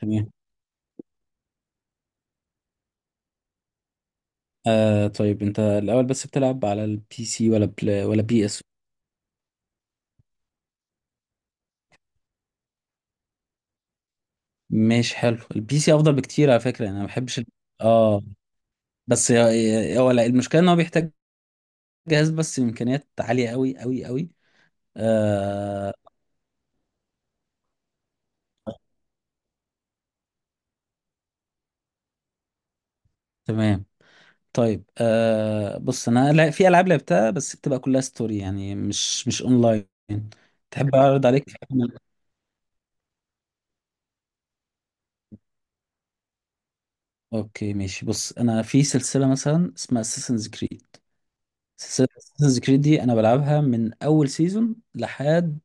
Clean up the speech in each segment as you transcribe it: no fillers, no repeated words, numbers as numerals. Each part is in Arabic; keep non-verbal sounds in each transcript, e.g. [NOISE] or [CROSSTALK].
تمام. طيب انت الاول بس بتلعب على البي سي ولا بلا ولا بي اس؟ ماشي، حلو. البي سي افضل بكتير على فكره، يعني انا ما بحبش اه هو، لا، المشكله ان هو بيحتاج جهاز بس امكانيات عاليه قوي قوي قوي. آه تمام. طيب، بص، انا لا، في العاب لعبتها بس بتبقى كلها ستوري يعني، مش اونلاين. تحب اعرض عليك؟ اوكي ماشي. بص انا في سلسله مثلا اسمها اساسنز كريد. سلسلة اساسنز كريد دي انا بلعبها من اول سيزون لحد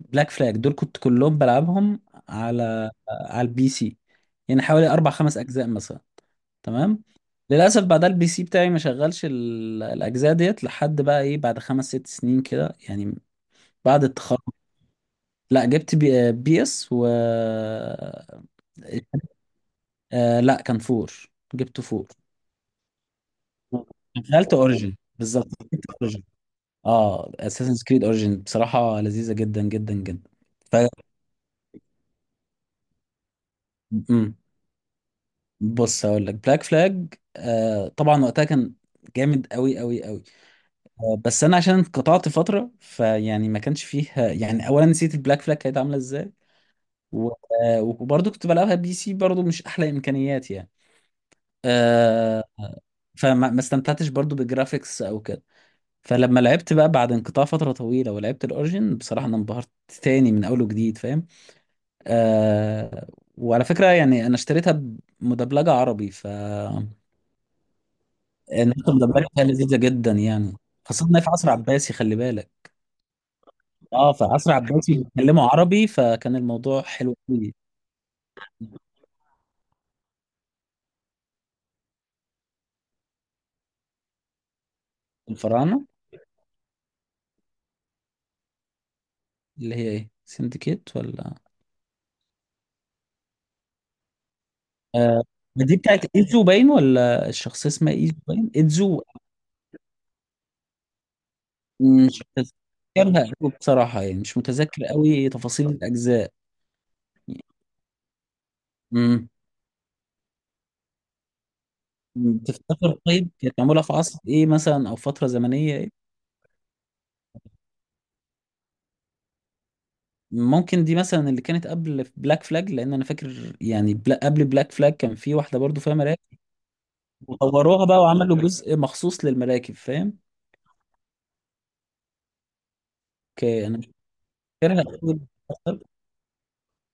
بلاك فلاج، دول كنت كلهم بلعبهم على البي سي. يعني حوالي اربع خمس اجزاء مثلا. تمام. للاسف بعدها البي سي بتاعي ما شغلش الاجزاء ديت لحد بقى ايه، بعد خمس ست سنين كده يعني، بعد التخرج. لا جبت بي اس و لا، كان فور، جبت فور. شغلت اوريجن بالظبط. اه اساسنز كريد اوريجين بصراحه لذيذه جدا جدا جدا. ف مم. بص هقول لك، بلاك فلاج طبعا وقتها كان جامد قوي قوي قوي. بس انا عشان انقطعت فتره، فيعني ما كانش فيه، يعني اولا نسيت البلاك فلاج كانت عامله ازاي، و- وبرضه كنت بلعبها بي سي برضه، مش احلى امكانيات يعني. آه. فما ما استمتعتش برضه بالجرافيكس او كده. فلما لعبت بقى بعد انقطاع فتره طويله ولعبت الاوريجين، بصراحه انا انبهرت تاني من اول وجديد، فاهم. آه. وعلى فكرة يعني أنا اشتريتها مدبلجة عربي، النسخة المدبلجة فيها لذيذة جدا يعني، خاصة إنها في عصر عباسي، خلي بالك. اه، في عصر عباسي بيتكلموا عربي، فكان الموضوع حلو قوي. الفراعنة؟ اللي هي إيه، سندكيت ولا؟ آه دي بتاعت إيزو باين، ولا الشخصية اسمها إيزو باين، إيزو. مش متذكرها قوي بصراحة يعني، مش متذكر قوي تفاصيل الأجزاء. امم. تفتكر طيب كانت معمولة في عصر إيه مثلا، أو فترة زمنية إيه؟ ممكن دي مثلا اللي كانت قبل بلاك فلاج، لان انا فاكر يعني بلا قبل بلاك فلاج كان في واحده برضو فيها مراكب. وطوروها بقى وعملوا جزء مخصوص للمراكب، فاهم. اوكي، انا مش فاكرها أوي.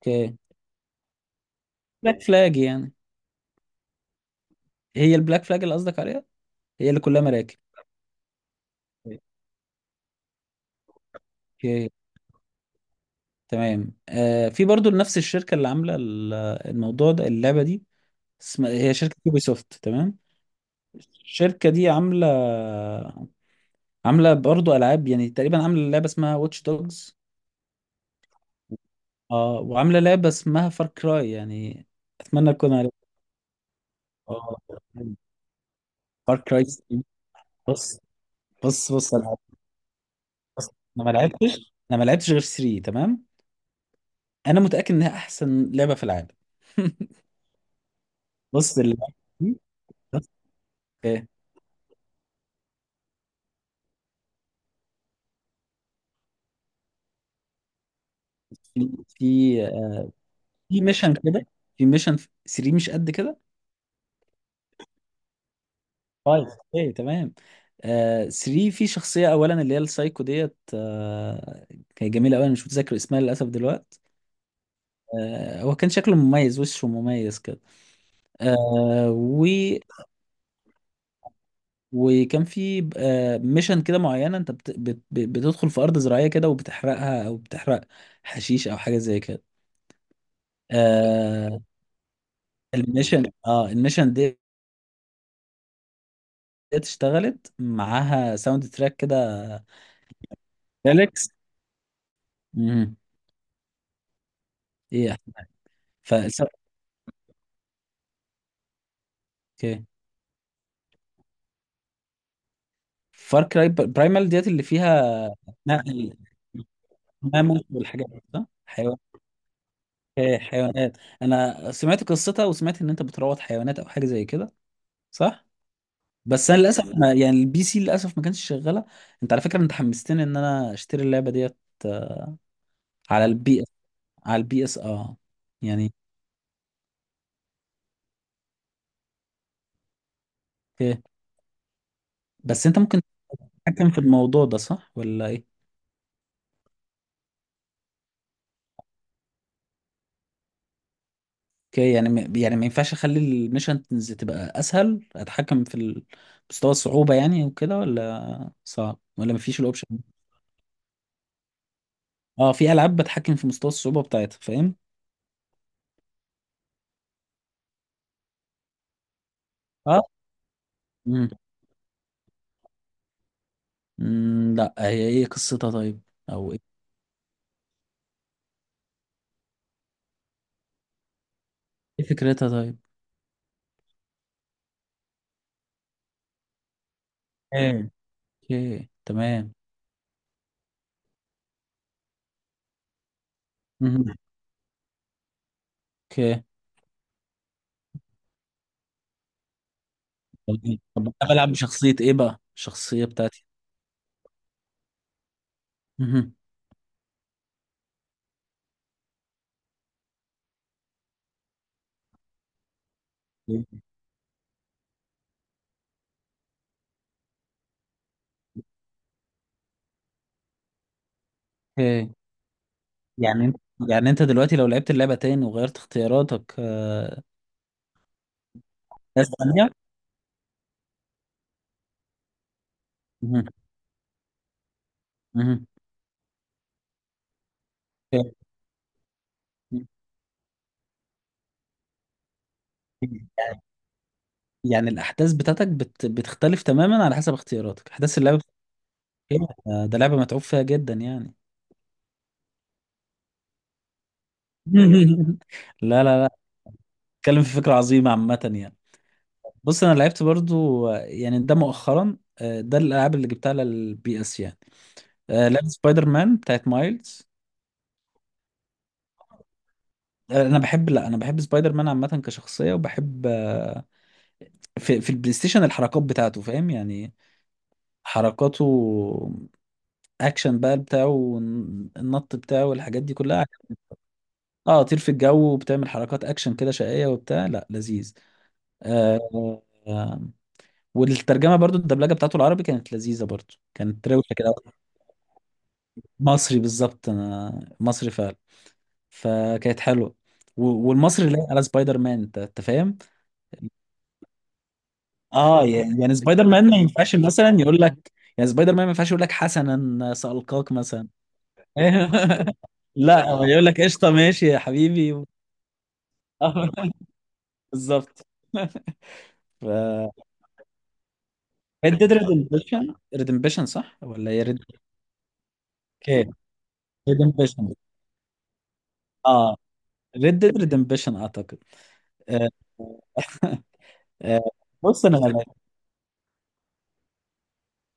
اوكي. بلاك فلاج يعني. هي البلاك فلاج اللي قصدك عليها، هي اللي كلها مراكب. اوكي تمام. آه، في برضو نفس الشركه اللي عامله الموضوع ده، اللعبه دي اسمها، هي شركه يوبي سوفت، تمام. الشركه دي عامله برضو العاب يعني. تقريبا عامله لعبه اسمها واتش دوجز. اه، وعامله لعبه اسمها فار كراي يعني، اتمنى اكون عارف. اه فار كراي 3. بص بص بص انا بص انا ما لعبتش غير 3، تمام. انا متاكد انها احسن لعبه في العالم. [LAUGHS] بص اللعبه دي، بص، ايه، في في آه، في ميشن كده، في ميشن. 3 مش قد كده؟ طيب. ايه تمام. آه، 3 في شخصيه اولا اللي هي السايكو ديت، آه، كانت جميله قوي، انا مش متذكر اسمها للاسف دلوقتي. آه، هو كان شكله مميز، وشه مميز. آه و وكان في ميشن كده معينه، انت بتدخل في ارض زراعيه كده وبتحرقها، او بتحرق حشيش او حاجه زي كده. آه. الميشن، اه الميشن دي اشتغلت معاها ساوند تراك كده، ليركس. امم. ايه احسن حاجه؟ فالس... اوكي. فار كراي برايمال ديت اللي فيها نقل، نمل والحاجات دي صح؟ حيوان، إيه، حيوانات. انا سمعت قصتها، وسمعت ان انت بتروض حيوانات او حاجه زي كده، صح؟ بس انا للاسف ما، يعني البي سي للاسف ما كانش شغاله. انت على فكره انت حمستني ان انا اشتري اللعبه ديت. آه، على البي اس. على البي اس اه. يعني اوكي، بس انت ممكن تتحكم في الموضوع ده صح ولا ايه؟ اوكي. يعني يعني ما ينفعش اخلي الميشنز تبقى اسهل، اتحكم في مستوى الصعوبه يعني وكده، ولا صعب، ولا ما فيش الاوبشن ده؟ اه، في العاب بتحكم في مستوى الصعوبه بتاعتها، فاهم. اه. امم. أمم، لا هي ايه قصتها طيب؟ او ايه، إيه فكرتها طيب؟ ايه. اوكي تمام. مهم. اوكي. طب، طب انا بلعب بشخصية ايه بقى، الشخصية بتاعتي؟ مهم. اوكي. يعني انت، يعني انت دلوقتي لو لعبت اللعبة تاني وغيرت اختياراتك، آه، ناس تانية. مهم. مهم. اوكي. يعني الاحداث بتاعتك بتختلف تماما على حسب اختياراتك، احداث اللعبة بتاعتك. إيه؟ ده لعبة متعوب فيها جدا يعني. [LAUGHS] لا لا لا، اتكلم في فكرة عظيمة عامة يعني. بص انا لعبت برضو آه، يعني ده مؤخرا، آه، ده الالعاب اللي جبتها على البي اس يعني، آه، لعبة سبايدر مان بتاعت مايلز. آه، انا بحب، لا انا بحب سبايدر مان عامة كشخصية، وبحب آه، في البلاي ستيشن الحركات بتاعته، فاهم يعني، حركاته، اكشن بقى بتاعه، النط بتاعه والحاجات دي كلها. اه، طير في الجو وبتعمل حركات اكشن كده شقية وبتاع، لا لذيذ. آه. آه، والترجمة برضو الدبلجة بتاعته العربي كانت لذيذة برضو، كانت روشة كده. مصري بالظبط، انا مصري فعلا، فكانت حلوة. والمصري لايق على سبايدر مان، أنت فاهم. اه يعني، يعني سبايدر مان ما ينفعش مثلا يقول لك، يعني سبايدر مان ما ينفعش يقول لك حسنا سألقاك مثلا. [LAUGHS] لا هو يقول لك قشطه ماشي يا حبيبي آه، [LAUGHS] بالظبط. ف ريد ديد ريدمبشن. ريدمبشن صح ولا هي ريد؟ اوكي ريدمبشن. اه ريد ديد ريدمبشن اعتقد. [LAUGHS] آه، آه، بص انا، لا،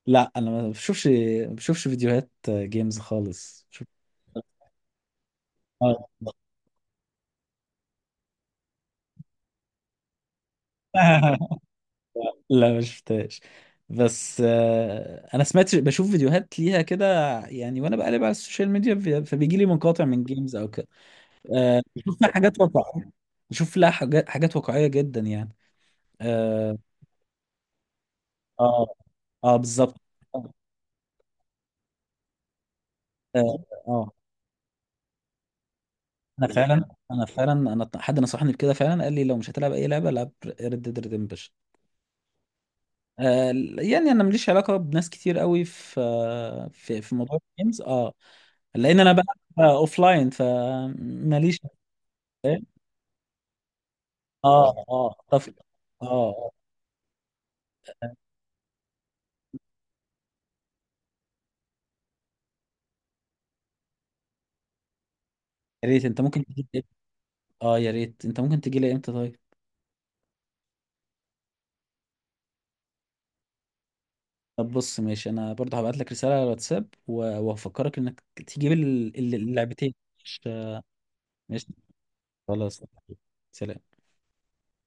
لا، انا ما بشوفش، ما بشوفش فيديوهات جيمز خالص، شوف. آه. [LAUGHS] لا ما شفتهاش، بس آه، انا سمعت، بشوف فيديوهات ليها كده يعني، وانا بقلب على السوشيال ميديا فبيجي لي مقاطع من جيمز او كده. آه، بشوف لها حاجات واقعيه، بشوف لها حاجات واقعيه جدا يعني. اه. اه, بالظبط. اه. آه. انا فعلا، انا فعلا، انا حد نصحني بكده فعلا، قال لي لو مش هتلعب اي لعبه العب ريد ديد ريدمبشن. آه. يعني انا ماليش علاقه بناس كتير قوي في موضوع الجيمز، اه. لان انا بقى اوف لاين، فماليش. اه. اه اتفق. اه. آه. يا ريت انت ممكن تجي لي، اه يا ريت انت ممكن تجي لي امتى طيب؟ طب بص ماشي، انا برضه هبعت لك رساله على الواتساب، وهفكرك انك تجيب اللعبتين. مش ماشي خلاص. سلام.